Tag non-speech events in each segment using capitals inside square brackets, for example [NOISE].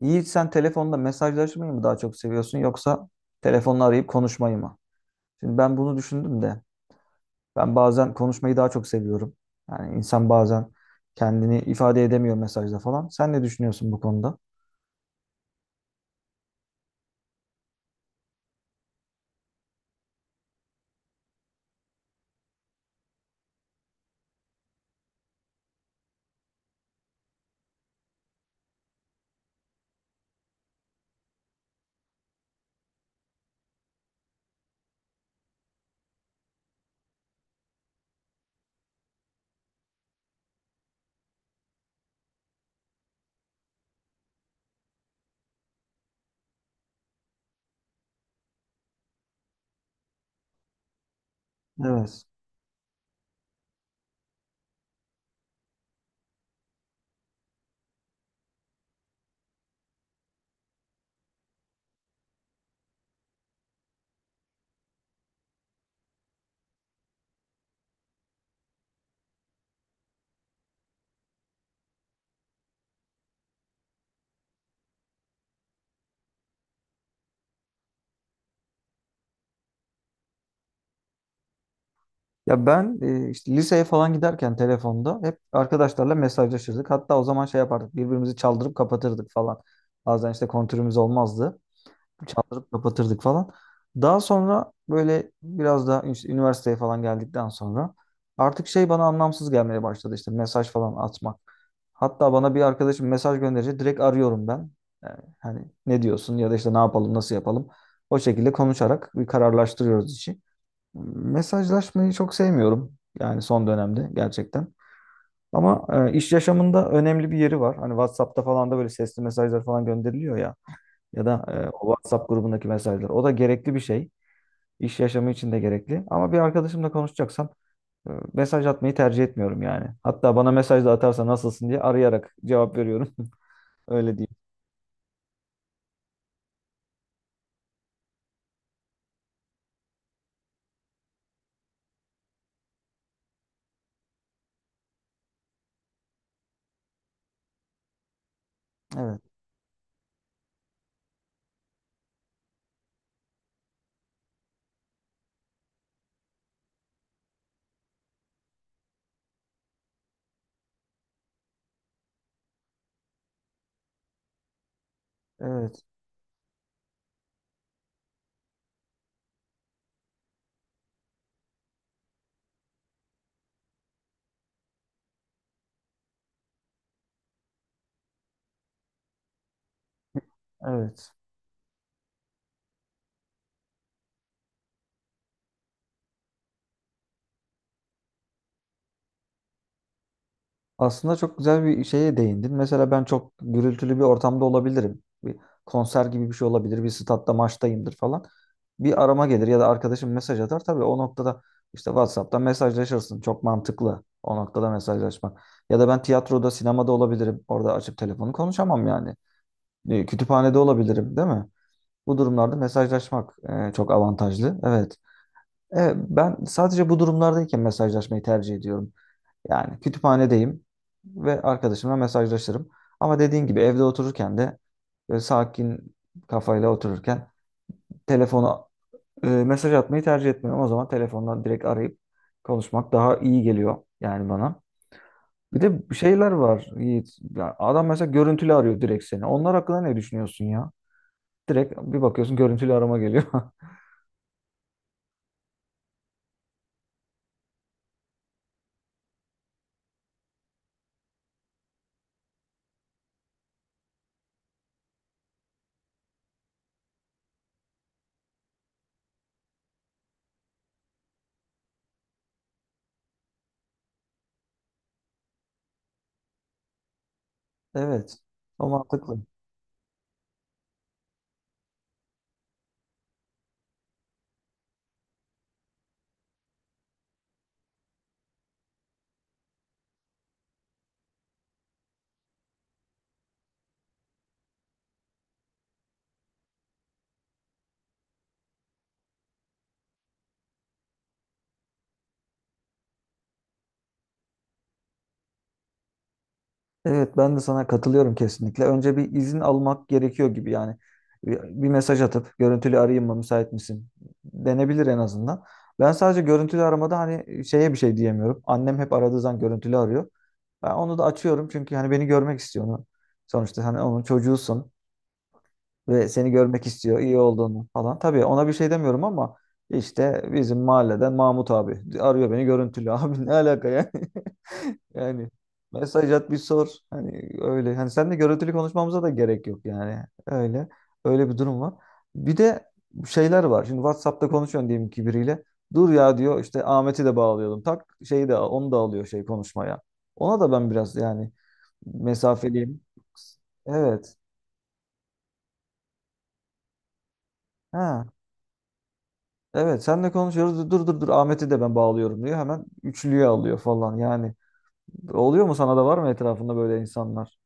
Yiğit sen telefonda mesajlaşmayı mı daha çok seviyorsun yoksa telefonla arayıp konuşmayı mı? Şimdi ben bunu düşündüm de ben bazen konuşmayı daha çok seviyorum. Yani insan bazen kendini ifade edemiyor mesajda falan. Sen ne düşünüyorsun bu konuda? Evet. Ya ben işte liseye falan giderken telefonda hep arkadaşlarla mesajlaşırdık. Hatta o zaman şey yapardık. Birbirimizi çaldırıp kapatırdık falan. Bazen işte kontürümüz olmazdı. Çaldırıp kapatırdık falan. Daha sonra böyle biraz daha işte üniversiteye falan geldikten sonra artık şey bana anlamsız gelmeye başladı işte mesaj falan atmak. Hatta bana bir arkadaşım mesaj gönderince direkt arıyorum ben. Yani hani ne diyorsun ya da işte ne yapalım nasıl yapalım. O şekilde konuşarak bir kararlaştırıyoruz işi. Mesajlaşmayı çok sevmiyorum. Yani son dönemde gerçekten. Ama iş yaşamında önemli bir yeri var. Hani WhatsApp'ta falan da böyle sesli mesajlar falan gönderiliyor ya. Ya da o WhatsApp grubundaki mesajlar. O da gerekli bir şey. İş yaşamı için de gerekli. Ama bir arkadaşımla konuşacaksam mesaj atmayı tercih etmiyorum yani. Hatta bana mesaj da atarsa nasılsın diye arayarak cevap veriyorum. [LAUGHS] Öyle diyeyim. Evet, evet, evet. Aslında çok güzel bir şeye değindin. Mesela ben çok gürültülü bir ortamda olabilirim. Bir konser gibi bir şey olabilir. Bir statta maçtayımdır falan. Bir arama gelir ya da arkadaşım mesaj atar. Tabii o noktada işte WhatsApp'ta mesajlaşırsın. Çok mantıklı o noktada mesajlaşmak. Ya da ben tiyatroda, sinemada olabilirim. Orada açıp telefonu konuşamam yani. Kütüphanede olabilirim, değil mi? Bu durumlarda mesajlaşmak çok avantajlı. Evet. Ben sadece bu durumlardayken mesajlaşmayı tercih ediyorum. Yani kütüphanedeyim ve arkadaşımla mesajlaşırım. Ama dediğin gibi evde otururken de böyle sakin kafayla otururken telefona mesaj atmayı tercih etmiyorum. O zaman telefondan direkt arayıp konuşmak daha iyi geliyor yani bana. Bir de şeyler var Yiğit. Ya adam mesela görüntülü arıyor direkt seni. Onlar hakkında ne düşünüyorsun ya? Direkt bir bakıyorsun görüntülü arama geliyor. [LAUGHS] Evet. O mantıklı. Evet ben de sana katılıyorum kesinlikle. Önce bir izin almak gerekiyor gibi yani. Bir mesaj atıp görüntülü arayayım mı müsait misin? Denebilir en azından. Ben sadece görüntülü aramada hani şeye bir şey diyemiyorum. Annem hep aradığı zaman görüntülü arıyor. Ben onu da açıyorum çünkü hani beni görmek istiyor onu. Sonuçta hani onun çocuğusun ve seni görmek istiyor iyi olduğunu falan. Tabii ona bir şey demiyorum ama işte bizim mahalleden Mahmut abi arıyor beni görüntülü. [LAUGHS] Abi ne alaka yani? Yani mesaj at bir sor. Hani öyle. Hani sen de görüntülü konuşmamıza da gerek yok yani. Öyle. Öyle bir durum var. Bir de şeyler var. Şimdi WhatsApp'ta konuşuyorsun diyelim ki biriyle. Dur ya diyor işte Ahmet'i de bağlayalım. Tak şeyi de onu da alıyor şey konuşmaya. Ona da ben biraz yani mesafeliyim. Evet. Ha. Evet senle konuşuyoruz. Dur Ahmet'i de ben bağlıyorum diyor. Hemen üçlüye alıyor falan. Yani oluyor mu sana da var mı etrafında böyle insanlar?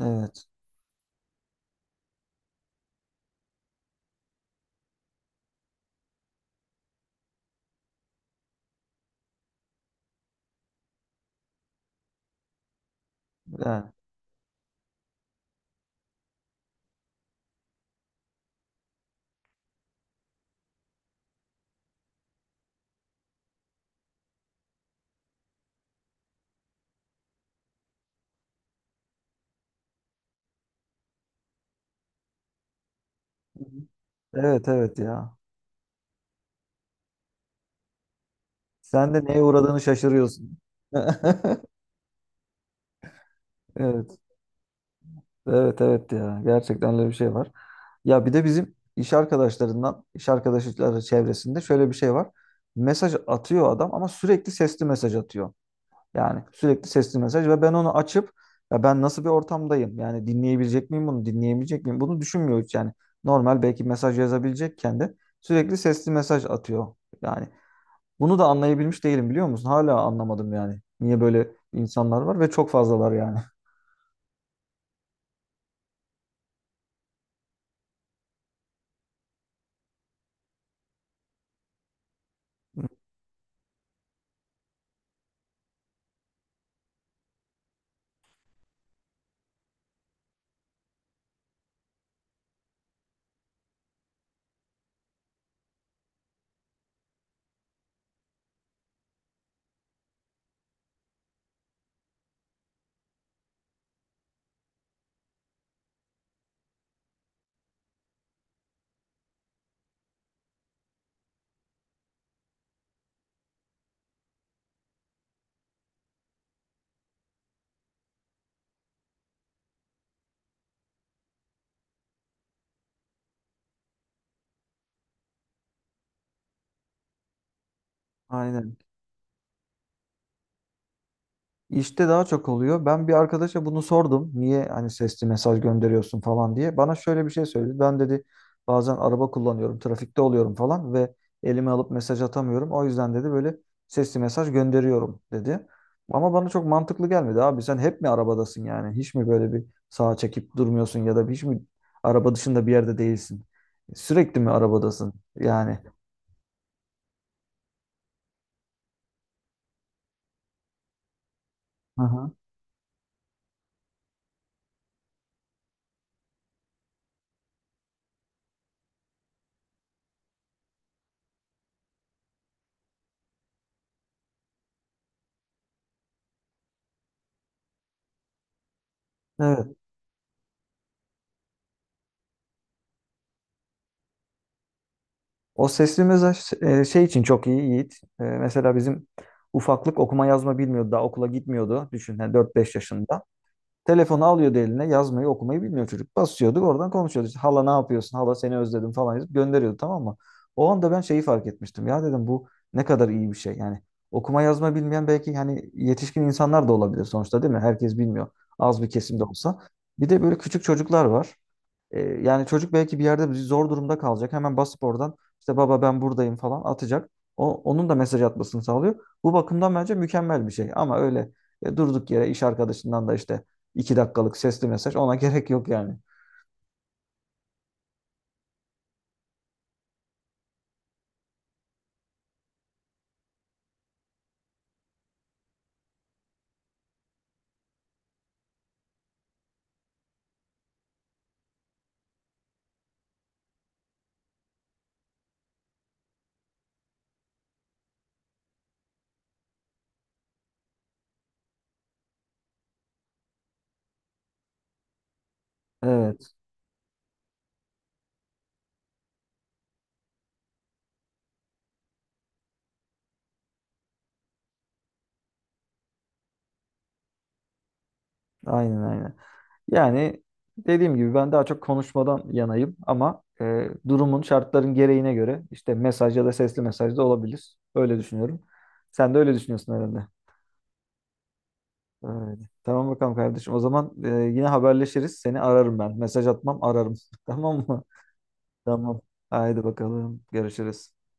Evet. Yani evet evet ya. Sen de neye uğradığını şaşırıyorsun. [LAUGHS] Evet, evet, evet ya. Gerçekten öyle bir şey var. Ya bir de bizim iş arkadaşlarından, iş arkadaşları çevresinde şöyle bir şey var. Mesaj atıyor adam ama sürekli sesli mesaj atıyor. Yani sürekli sesli mesaj ve ben onu açıp ya ben nasıl bir ortamdayım? Yani dinleyebilecek miyim bunu? Dinleyemeyecek miyim? Bunu düşünmüyor hiç yani. Normal belki mesaj yazabilecekken de sürekli sesli mesaj atıyor. Yani bunu da anlayabilmiş değilim biliyor musun? Hala anlamadım yani. Niye böyle insanlar var ve çok fazlalar yani. [LAUGHS] Aynen. İşte daha çok oluyor. Ben bir arkadaşa bunu sordum. Niye hani sesli mesaj gönderiyorsun falan diye. Bana şöyle bir şey söyledi. Ben dedi bazen araba kullanıyorum, trafikte oluyorum falan ve elime alıp mesaj atamıyorum. O yüzden dedi böyle sesli mesaj gönderiyorum dedi. Ama bana çok mantıklı gelmedi. Abi sen hep mi arabadasın yani? Hiç mi böyle bir sağa çekip durmuyorsun ya da hiç mi araba dışında bir yerde değilsin? Sürekli mi arabadasın? Yani hı hı. O sesli mesaj şey için çok iyi Yiğit. Mesela bizim ufaklık okuma yazma bilmiyordu. Daha okula gitmiyordu. Düşün yani 4-5 yaşında. Telefonu alıyordu eline yazmayı okumayı bilmiyor çocuk. Basıyorduk oradan konuşuyordu. İşte, hala ne yapıyorsun? Hala seni özledim falan yazıp gönderiyordu tamam mı? O anda ben şeyi fark etmiştim. Ya dedim bu ne kadar iyi bir şey. Yani okuma yazma bilmeyen belki hani yetişkin insanlar da olabilir sonuçta değil mi? Herkes bilmiyor. Az bir kesim de olsa. Bir de böyle küçük çocuklar var. Yani çocuk belki bir yerde zor durumda kalacak. Hemen basıp oradan işte baba ben buradayım falan atacak. O, onun da mesaj atmasını sağlıyor. Bu bakımdan bence mükemmel bir şey. Ama öyle durduk yere iş arkadaşından da işte 2 dakikalık sesli mesaj ona gerek yok yani. Evet, aynen aynen. Yani dediğim gibi ben daha çok konuşmadan yanayım ama durumun şartların gereğine göre işte mesaj ya da sesli mesaj da olabilir. Öyle düşünüyorum. Sen de öyle düşünüyorsun herhalde. Öyle. Tamam bakalım kardeşim. O zaman yine haberleşiriz. Seni ararım ben. Mesaj atmam, ararım. [LAUGHS] Tamam mı? Tamam. Haydi bakalım. Görüşürüz.